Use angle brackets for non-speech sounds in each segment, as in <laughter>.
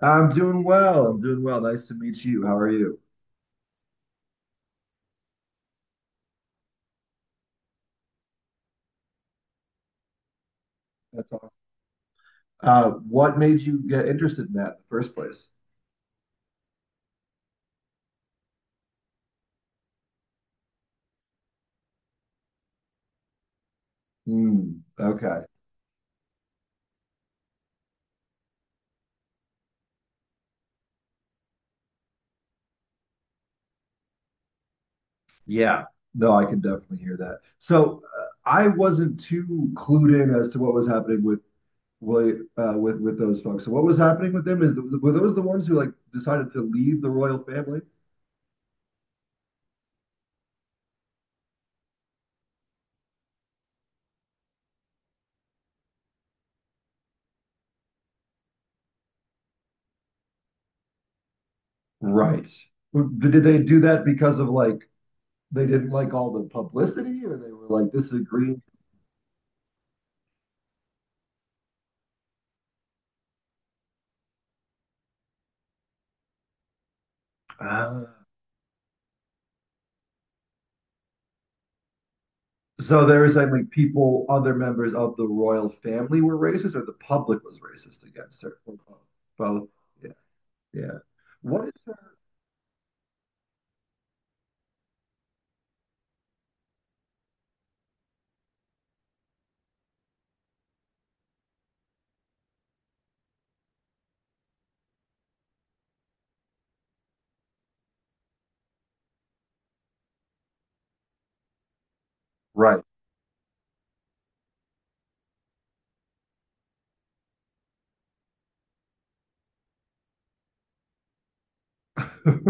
I'm doing well. Nice to meet you. How are you? That's awesome. What made you get interested in that in the first place? Hmm. Okay. Yeah. No, I can definitely hear that. So I wasn't too clued in as to what was happening with William, with those folks. So what was happening with them were those the ones who like decided to leave the royal family? Right. Did they do that because of like they didn't like all the publicity, or they were like this is a green? Ah. So they were saying like people, other members of the royal family were racist, or the public was racist against her. Or both. Both. Yeah. Yeah. What is her right? <laughs>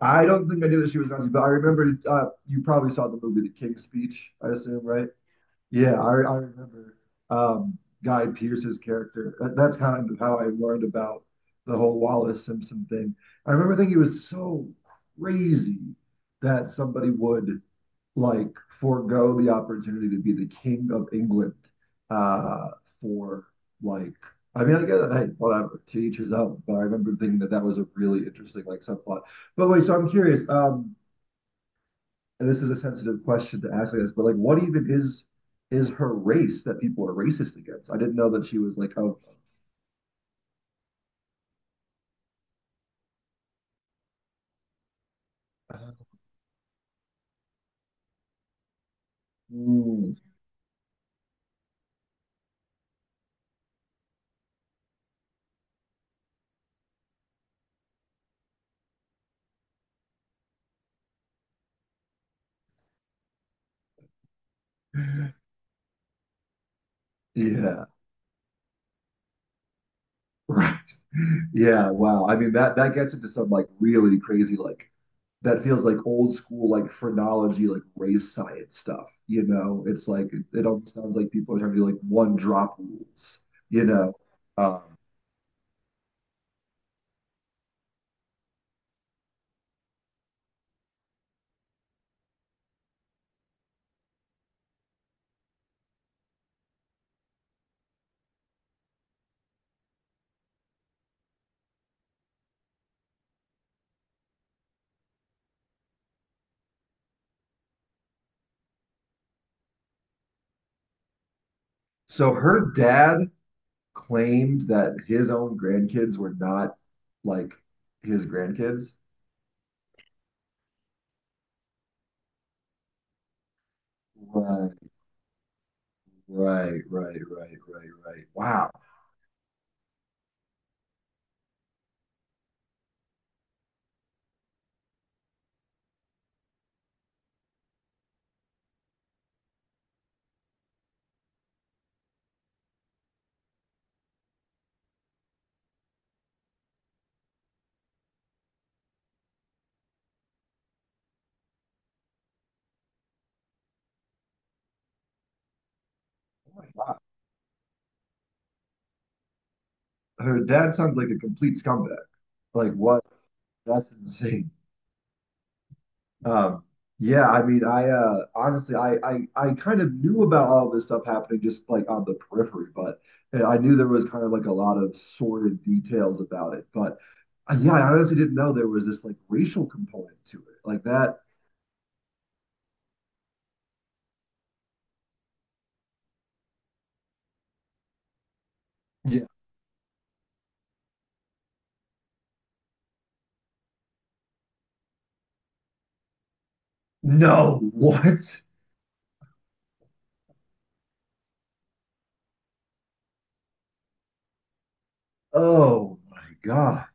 I don't think I knew that she was Nazi, but I remember you probably saw the movie The King's Speech, I assume, right? Yeah, I remember um, Guy Pearce's character. That's kind of how I learned about the whole Wallace Simpson thing. I remember thinking it was so crazy that somebody would like forego the opportunity to be the king of England uh, for like. I mean, I guess hey, whatever. To each his own. But I remember thinking that that was a really interesting like subplot. But wait, so I'm curious. And this is a sensitive question to ask, I guess. But like, what even is her race that people are racist against? I didn't know that she was like oh, mm, yeah, <laughs> right, yeah. Wow. I mean, that that gets into some like really crazy like that feels like old school, like phrenology, like race science stuff. You know, it's like it almost sounds like people are trying to do like one drop rules. You know, um, so her dad claimed that his own grandkids were not like his grandkids. Right, right, right, right, right, right. Wow. Oh my God. Her dad sounds like a complete scumbag. Like what? That's insane. Um, yeah, I mean, I honestly, I kind of knew about all this stuff happening just like on the periphery, but and I knew there was kind of like a lot of sordid details about it. But yeah, I honestly didn't know there was this like racial component to it, like that. Yeah. No, <laughs> what? Oh my God.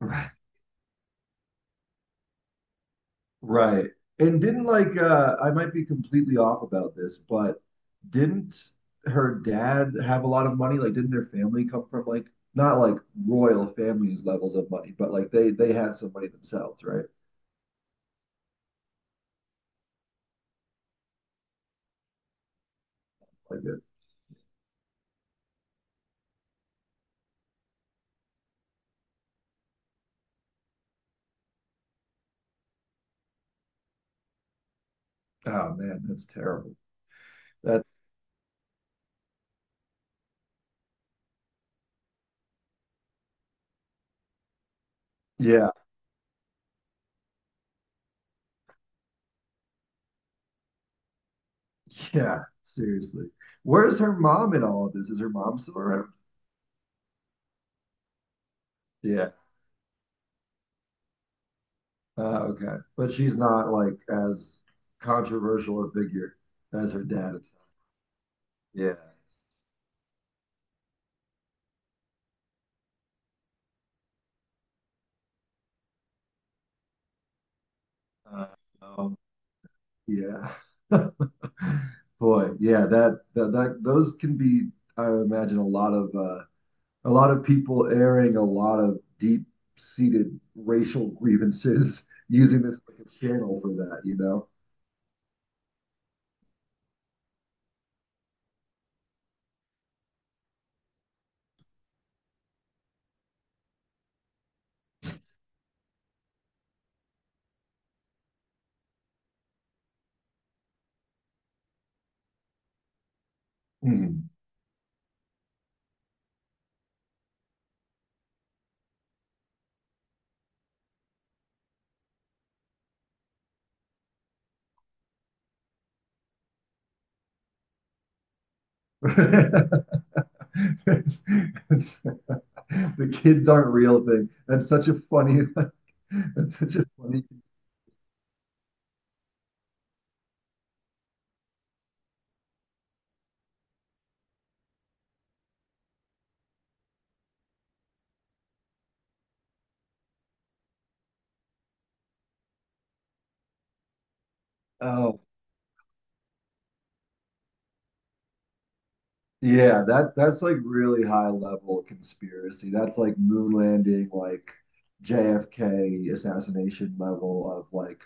<laughs> Right. And didn't like I might be completely off about this, but didn't her dad have a lot of money? Like didn't their family come from like not like royal families levels of money, but like they had some money themselves, right? Like it, oh man, that's terrible. That's yeah. Yeah, seriously. Where's her mom in all of this? Is her mom still around? Yeah. Uh, okay. But she's not like as controversial a figure as her dad. Yeah. Uh, oh yeah. <laughs> Boy, yeah, that that that those can be, I imagine, a lot of people airing a lot of deep-seated racial grievances <laughs> using this like a channel for that, you know? Mhm. <laughs> It's- it's- <laughs> the kids aren't real thing. That's such a funny, <laughs> that's such a funny. Oh, yeah, that that's like really high level conspiracy. That's like moon landing, like JFK assassination level of like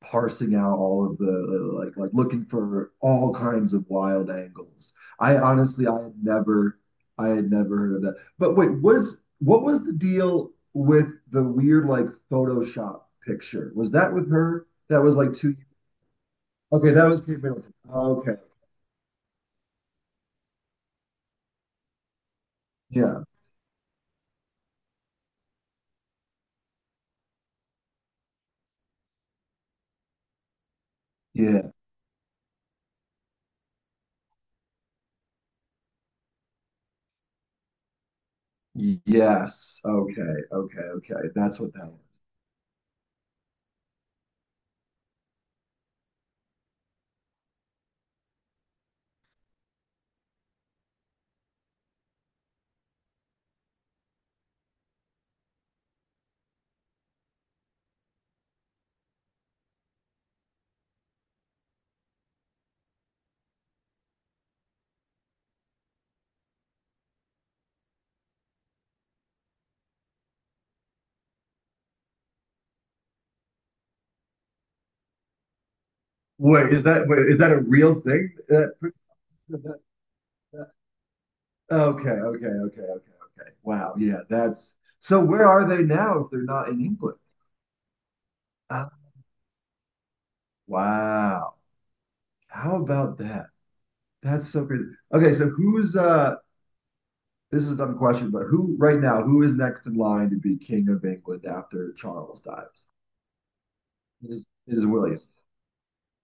parsing out all of the like looking for all kinds of wild angles. I honestly I had never heard of that. But wait, was what was the deal with the weird like Photoshop picture? Was that with her? That was like two. Okay, that was Kate Middleton. Okay. Yeah. Yeah. Yes. Okay. Okay. Okay. That's what that was. Wait, is that a real thing? That, that, that- okay. Okay. Okay. Okay. Okay. Wow. Yeah. That's so. Where are they now if they're not in England? Ah, wow. How about that? That's so crazy. Okay. So who's uh? This is a dumb question, but who right now? Who is next in line to be king of England after Charles dies? It is William,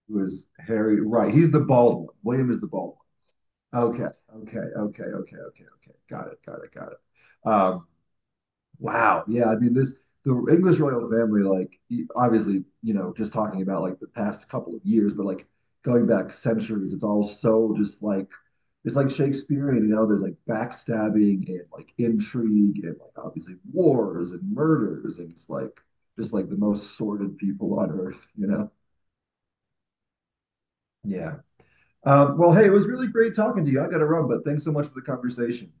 who is Harry. Right. He's the bald one. William is the bald one. Okay. Okay. Okay. Okay. Okay. Okay. Got it. Got it. Got it. Um, wow. Yeah. I mean, this, the English royal family, like, y- obviously, you know, just talking about like the past couple of years, but like going back centuries, it's all so just like, it's like Shakespearean, you know, there's like backstabbing and like intrigue and like obviously wars and murders. And it's like, just like the most sordid people on earth, you know? Yeah. Well, hey, it was really great talking to you. I got to run, but thanks so much for the conversation.